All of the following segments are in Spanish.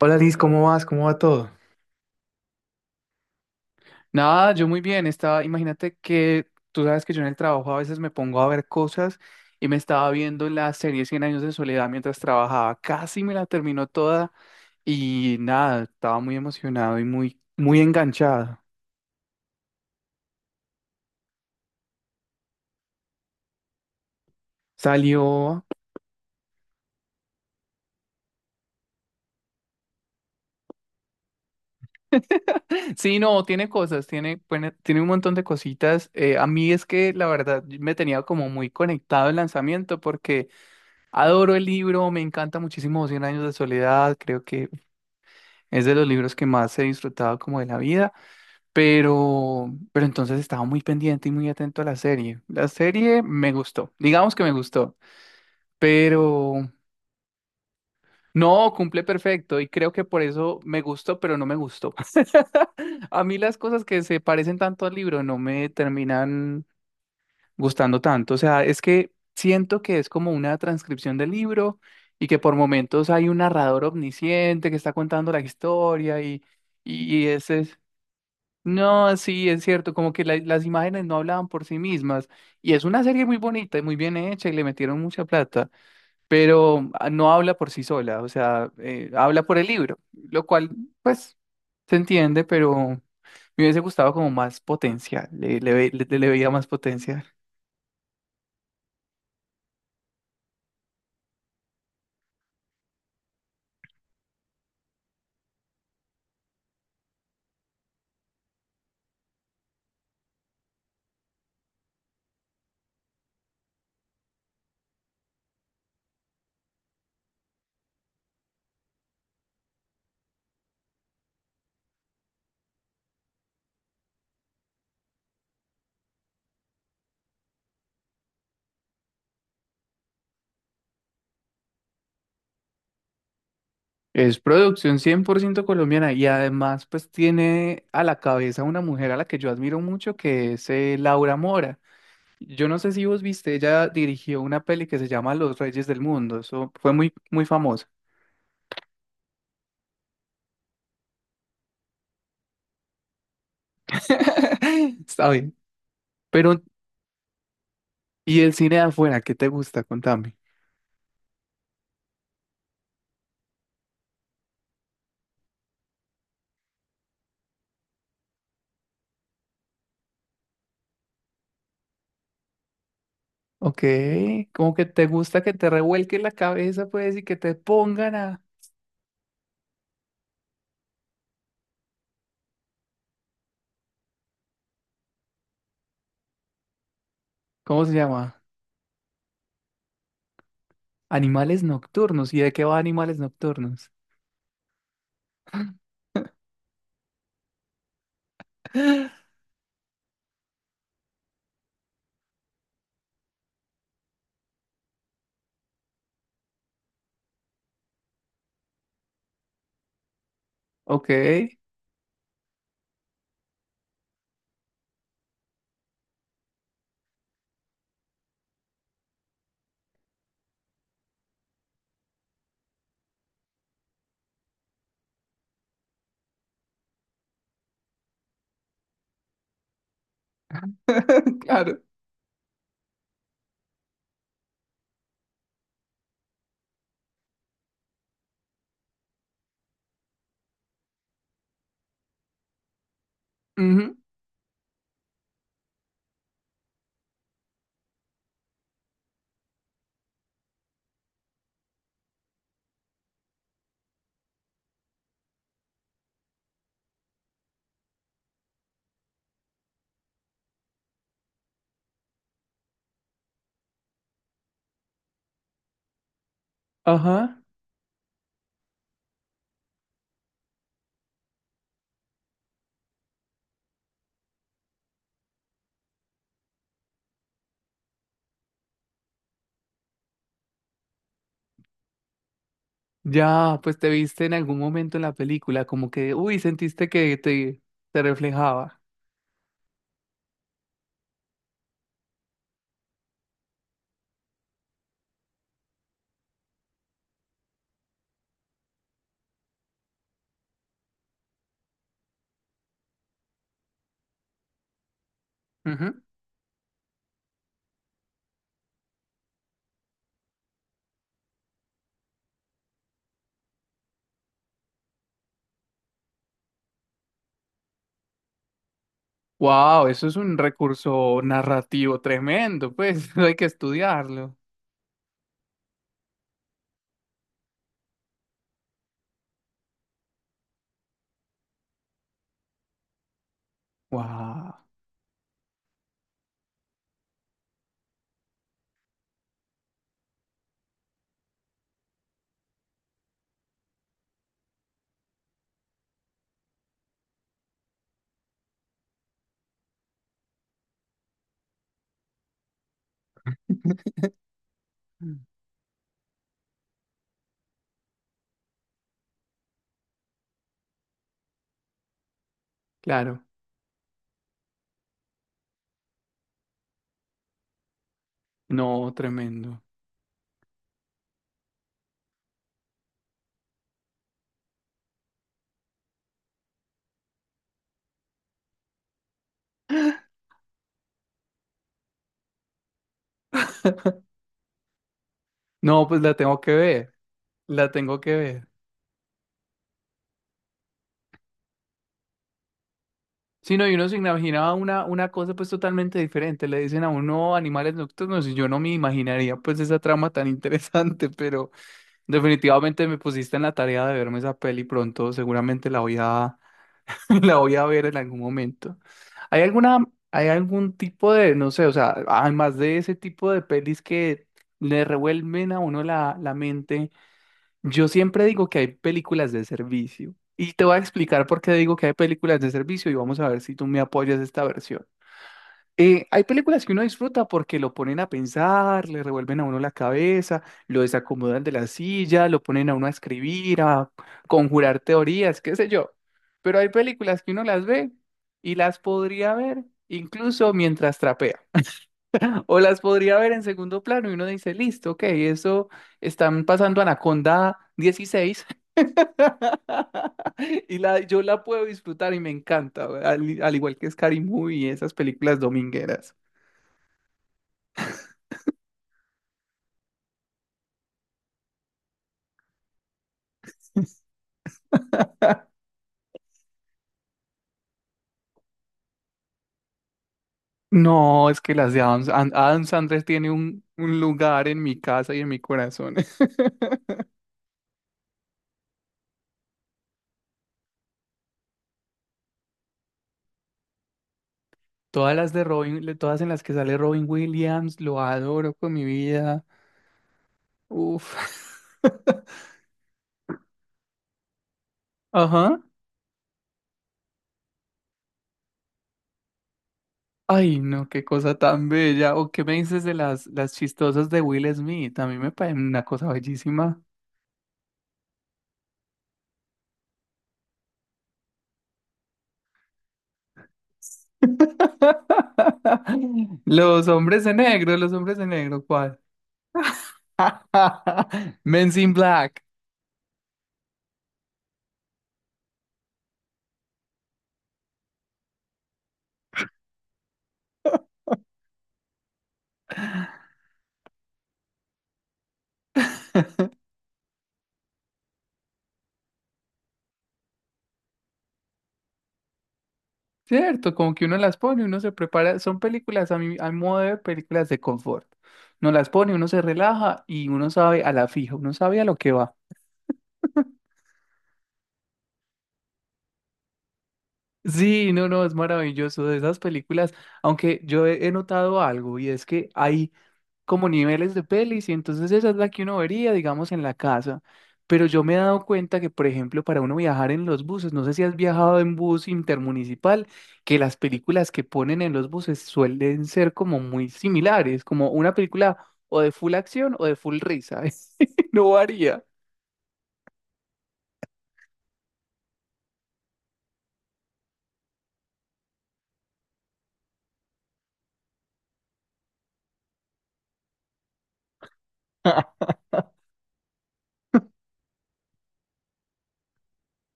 Hola Liz, ¿cómo vas? ¿Cómo va todo? Nada, yo muy bien. Estaba, imagínate que tú sabes que yo en el trabajo a veces me pongo a ver cosas y me estaba viendo la serie Cien años de soledad mientras trabajaba. Casi me la terminó toda y nada, estaba muy emocionado y muy enganchado. Salió. Sí, no, tiene cosas, tiene, bueno, tiene un montón de cositas. A mí es que la verdad me tenía como muy conectado el lanzamiento porque adoro el libro, me encanta muchísimo Cien años de soledad, creo que es de los libros que más he disfrutado como de la vida, pero entonces estaba muy pendiente y muy atento a la serie. La serie me gustó, digamos que me gustó, pero no cumple perfecto y creo que por eso me gustó, pero no me gustó. A mí las cosas que se parecen tanto al libro no me terminan gustando tanto. O sea, es que siento que es como una transcripción del libro y que por momentos hay un narrador omnisciente que está contando la historia y ese es... No, sí, es cierto, como que las imágenes no hablaban por sí mismas. Y es una serie muy bonita y muy bien hecha y le metieron mucha plata, pero no habla por sí sola, o sea, habla por el libro, lo cual, pues, se entiende, pero me hubiese gustado como más potencial, le veía más potencial. Es producción 100% colombiana y además, pues, tiene a la cabeza una mujer a la que yo admiro mucho, que es Laura Mora. Yo no sé si vos viste, ella dirigió una peli que se llama Los Reyes del Mundo. Eso fue muy famosa. Está bien. Pero, ¿y el cine de afuera? ¿Qué te gusta? Contame. Ok. Como que te gusta que te revuelque la cabeza, pues, y que te pongan a, ¿cómo se llama? Animales nocturnos. ¿Y de qué va Animales Nocturnos? Ok. Claro. Ujú. Ajá. Ya, pues te viste en algún momento en la película, como que, uy, sentiste que te reflejaba. Wow, eso es un recurso narrativo tremendo, pues hay que estudiarlo. Wow, claro, no, tremendo. No, pues la tengo que ver, la tengo que ver. Si no, y uno se imaginaba una cosa pues totalmente diferente. Le dicen a uno animales nocturnos y yo no me imaginaría pues esa trama tan interesante, pero definitivamente me pusiste en la tarea de verme esa peli pronto, seguramente la voy a la voy a ver en algún momento. ¿Hay alguna, hay algún tipo de, no sé, o sea, además de ese tipo de pelis que le revuelven a uno la mente, yo siempre digo que hay películas de servicio. Y te voy a explicar por qué digo que hay películas de servicio y vamos a ver si tú me apoyas esta versión. Hay películas que uno disfruta porque lo ponen a pensar, le revuelven a uno la cabeza, lo desacomodan de la silla, lo ponen a uno a escribir, a conjurar teorías, qué sé yo. Pero hay películas que uno las ve y las podría ver incluso mientras trapea. O las podría ver en segundo plano y uno dice, listo, ok, eso están pasando Anaconda 16 y la, yo la puedo disfrutar y me encanta, al igual que Scary Movie y esas películas domingueras. No, es que las de Adam Sandler tiene un lugar en mi casa y en mi corazón. Todas las de todas en las que sale Robin Williams, lo adoro con mi vida. Uf. Ajá. Ay, no, qué cosa tan bella. ¿O qué me dices de las chistosas de Will Smith? A mí me parece una cosa bellísima. Los hombres de negro, los hombres de negro, ¿cuál? Men in Black. Cierto, como que uno las pone, uno se prepara, son películas a mi modo de ver, películas de confort. Uno las pone, uno se relaja y uno sabe a la fija, uno sabe a lo que va. Sí, no, no, es maravilloso de esas películas, aunque yo he notado algo y es que hay como niveles de pelis y entonces esa es la que uno vería, digamos, en la casa. Pero yo me he dado cuenta que, por ejemplo, para uno viajar en los buses, no sé si has viajado en bus intermunicipal, que las películas que ponen en los buses suelen ser como muy similares, como una película o de full acción o de full risa. No varía.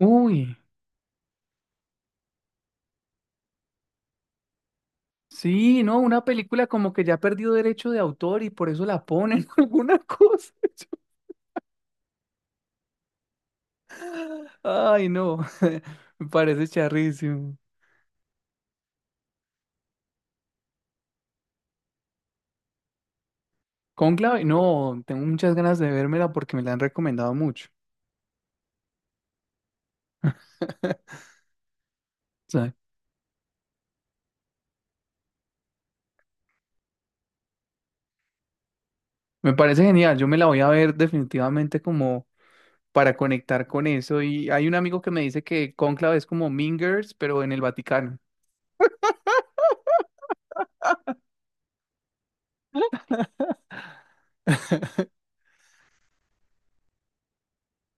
Uy, sí, no, una película como que ya perdió derecho de autor y por eso la ponen alguna cosa. Ay, no, me parece charrísimo. Cónclave, no, tengo muchas ganas de vérmela porque me la han recomendado mucho. O sea, me parece genial, yo me la voy a ver definitivamente como para conectar con eso. Y hay un amigo que me dice que Cónclave es como Mean Girls, pero en el Vaticano.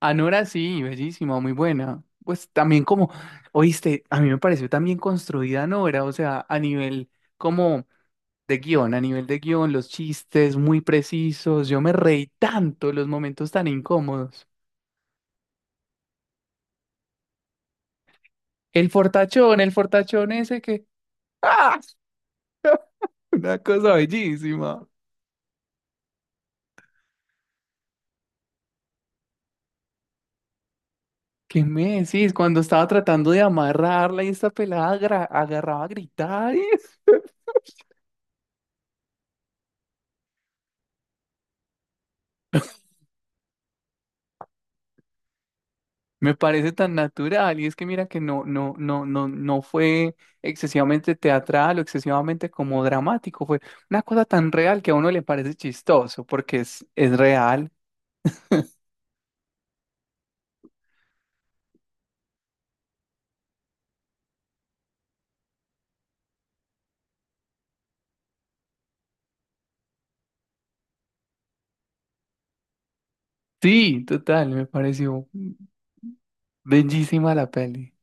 Anora sí, bellísima, muy buena. Pues también como, oíste, a mí me pareció también construida Anora, o sea, a nivel como de guión, a nivel de guión, los chistes muy precisos, yo me reí tanto los momentos tan incómodos. El fortachón ese que... ¡Ah! Una cosa bellísima. ¿Qué me decís? Cuando estaba tratando de amarrarla y esta pelada agarraba a gritar. Y me parece tan natural. Y es que mira que no fue excesivamente teatral o excesivamente como dramático. Fue una cosa tan real que a uno le parece chistoso porque es real. Sí, total, me pareció bellísima la peli.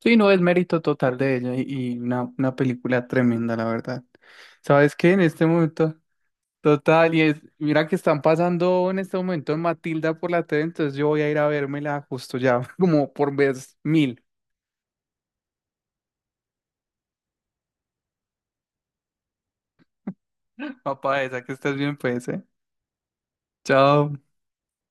Sí, no, es mérito total de ella y una película tremenda, la verdad. ¿Sabes qué? En este momento, total, y es, mira que están pasando en este momento en Matilda por la tele, entonces yo voy a ir a vérmela justo ya, como por vez mil. Papá, esa que estés bien, pues, ¿eh? Chao.